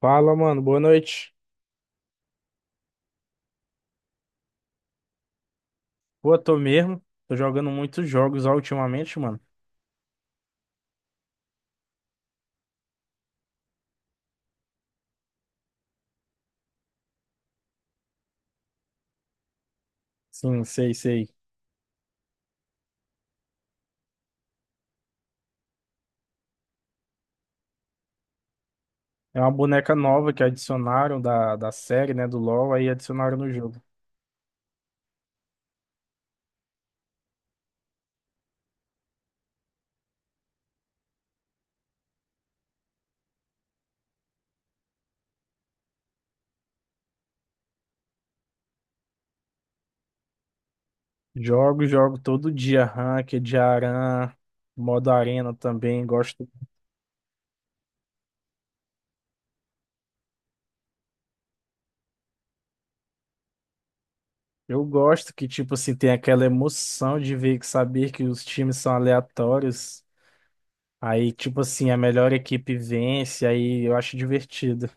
Fala, mano. Boa noite. Pô, tô mesmo. Tô jogando muitos jogos ó, ultimamente, mano. Sim, sei, sei. É uma boneca nova que adicionaram da série, né, do LoL, aí adicionaram no jogo. Jogo, jogo todo dia, ranked, modo arena também, gosto. Eu gosto que, tipo assim, tem aquela emoção de ver, que saber que os times são aleatórios. Aí, tipo assim, a melhor equipe vence, aí eu acho divertido.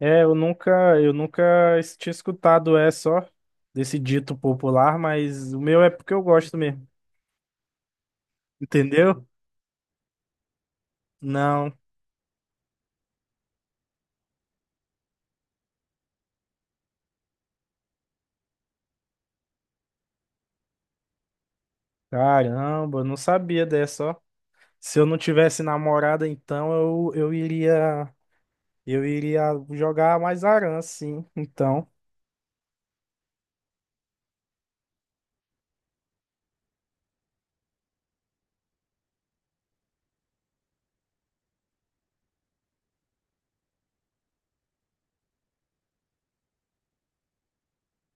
É, eu nunca tinha escutado essa, ó, desse dito popular, mas o meu é porque eu gosto mesmo. Entendeu? Não. Caramba, eu não sabia dessa, ó. Se eu não tivesse namorada, então eu, eu iria, eu iria jogar mais sim. Então,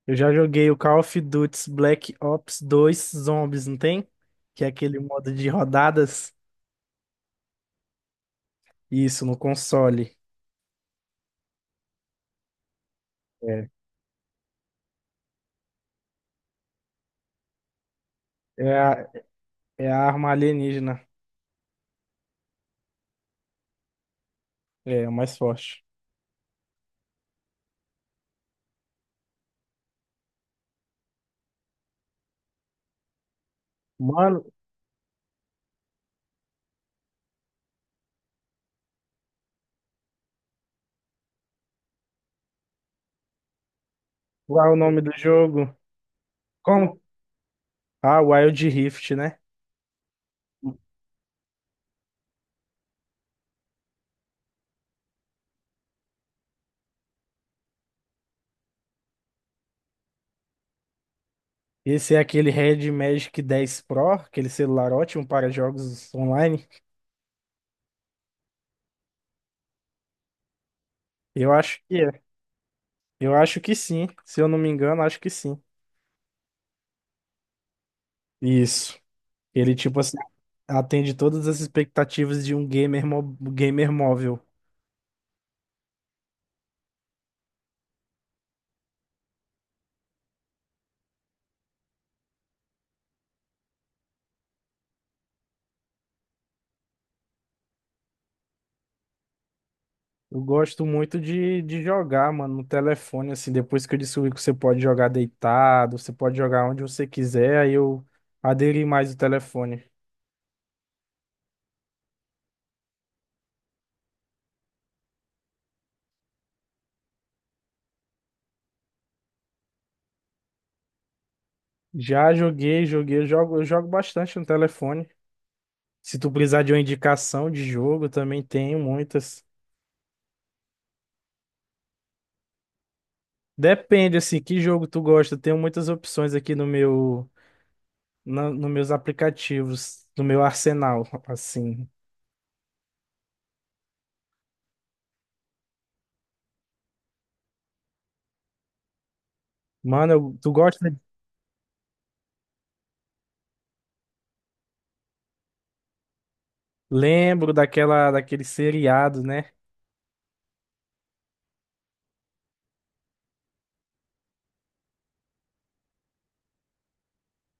eu já joguei o Call of Duty Black Ops 2 Zombies, não tem? Que é aquele modo de rodadas. Isso, no console. É, é a, é a arma alienígena. É, a mais forte. Mano, qual é o nome do jogo? Como? Ah, Wild Rift, né? Esse é aquele Red Magic 10 Pro, aquele celular ótimo para jogos online. Eu acho que é. Eu acho que sim. Se eu não me engano, acho que sim. Isso. Ele, tipo assim, atende todas as expectativas de um gamer, gamer móvel. Eu gosto muito de jogar, mano, no telefone, assim, depois que eu descobri que você pode jogar deitado, você pode jogar onde você quiser, aí eu aderi mais o telefone. Já joguei, joguei, eu jogo bastante no telefone. Se tu precisar de uma indicação de jogo, também tenho muitas. Depende, assim, que jogo tu gosta. Eu tenho muitas opções aqui no meu, nos meus aplicativos, no meu arsenal, assim. Mano, tu gosta? Lembro daquele seriado, né?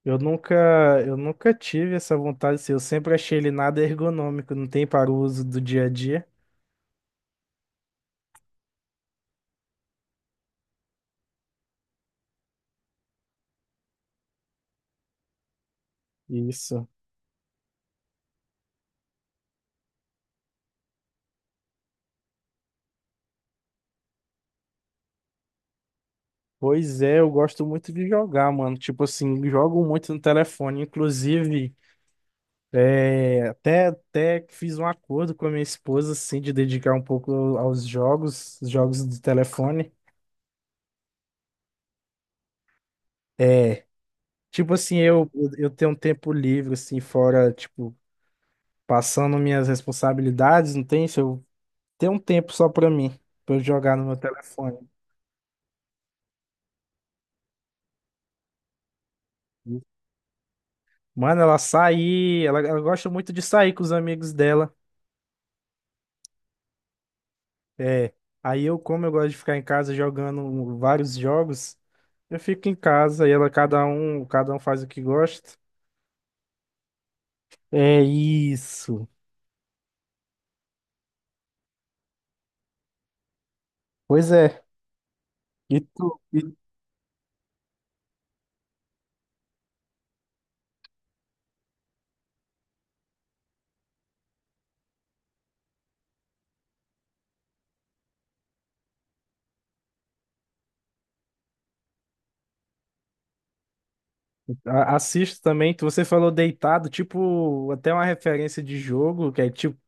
Eu nunca, eu nunca tive essa vontade, assim, eu sempre achei ele nada ergonômico, não tem para o uso do dia a dia. Isso. Pois é, eu gosto muito de jogar, mano. Tipo assim, jogo muito no telefone. Inclusive, é, até fiz um acordo com a minha esposa, assim, de dedicar um pouco aos jogos, jogos de telefone. É, tipo assim, eu tenho um tempo livre, assim, fora, tipo, passando minhas responsabilidades, não tem? Se eu tenho um tempo só pra mim, pra eu jogar no meu telefone. Mano, ela sai, ela gosta muito de sair com os amigos dela. É, aí eu, como eu gosto de ficar em casa jogando vários jogos, eu fico em casa e ela cada um faz o que gosta. É isso. Pois é. E tu e assisto também, você falou deitado, tipo, até uma referência de jogo, que é tipo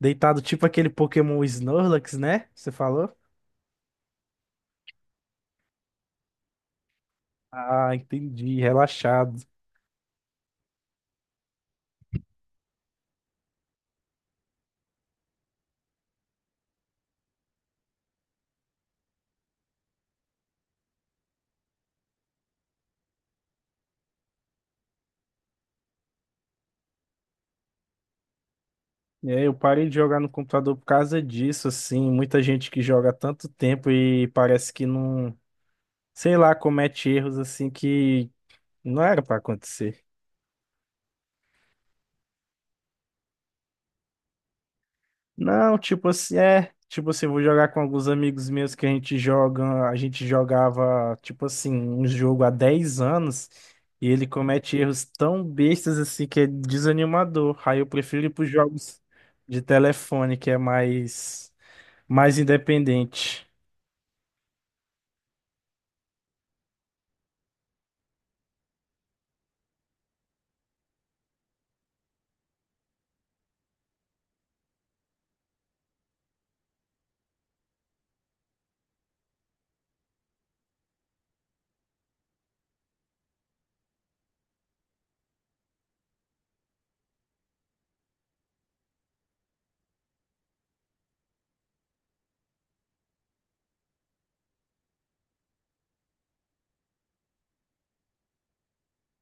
deitado tipo aquele Pokémon Snorlax, né? Você falou? Ah, entendi, relaxado. É, eu parei de jogar no computador por causa disso, assim, muita gente que joga há tanto tempo e parece que não sei lá, comete erros assim que não era pra acontecer. Não, tipo assim, é, tipo assim, vou jogar com alguns amigos meus que a gente joga, a gente jogava, tipo assim, um jogo há 10 anos e ele comete erros tão bestas assim que é desanimador. Aí eu prefiro ir pros jogos de telefone, que é mais independente.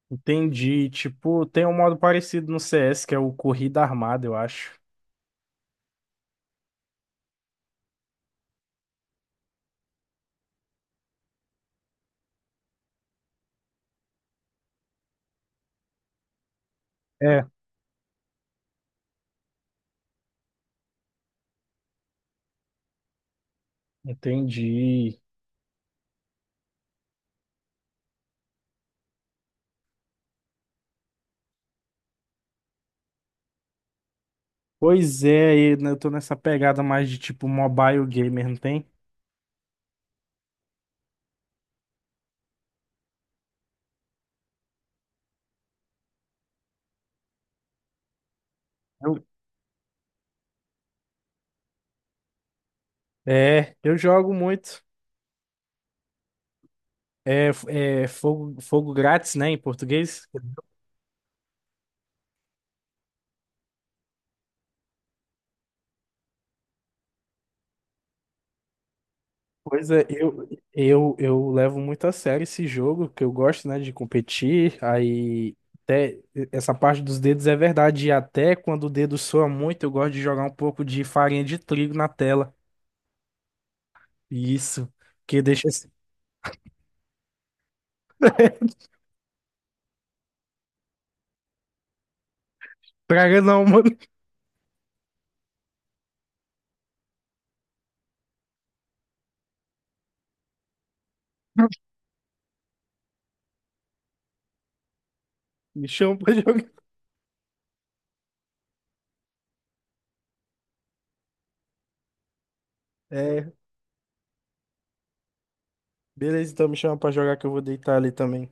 Entendi, tipo, tem um modo parecido no CS, que é o corrida armada, eu acho. É, entendi. Pois é, e, né, eu tô nessa pegada mais de tipo mobile gamer, não tem? Eu- é, eu jogo muito. É, é fogo, grátis, né, em português. Pois é, eu levo muito a sério esse jogo, que eu gosto, né, de competir. Aí, até essa parte dos dedos é verdade. E até quando o dedo soa muito, eu gosto de jogar um pouco de farinha de trigo na tela. Isso, que deixa. Praga não, mano. Me chama pra jogar. É. Beleza, então me chama pra jogar que eu vou deitar ali também.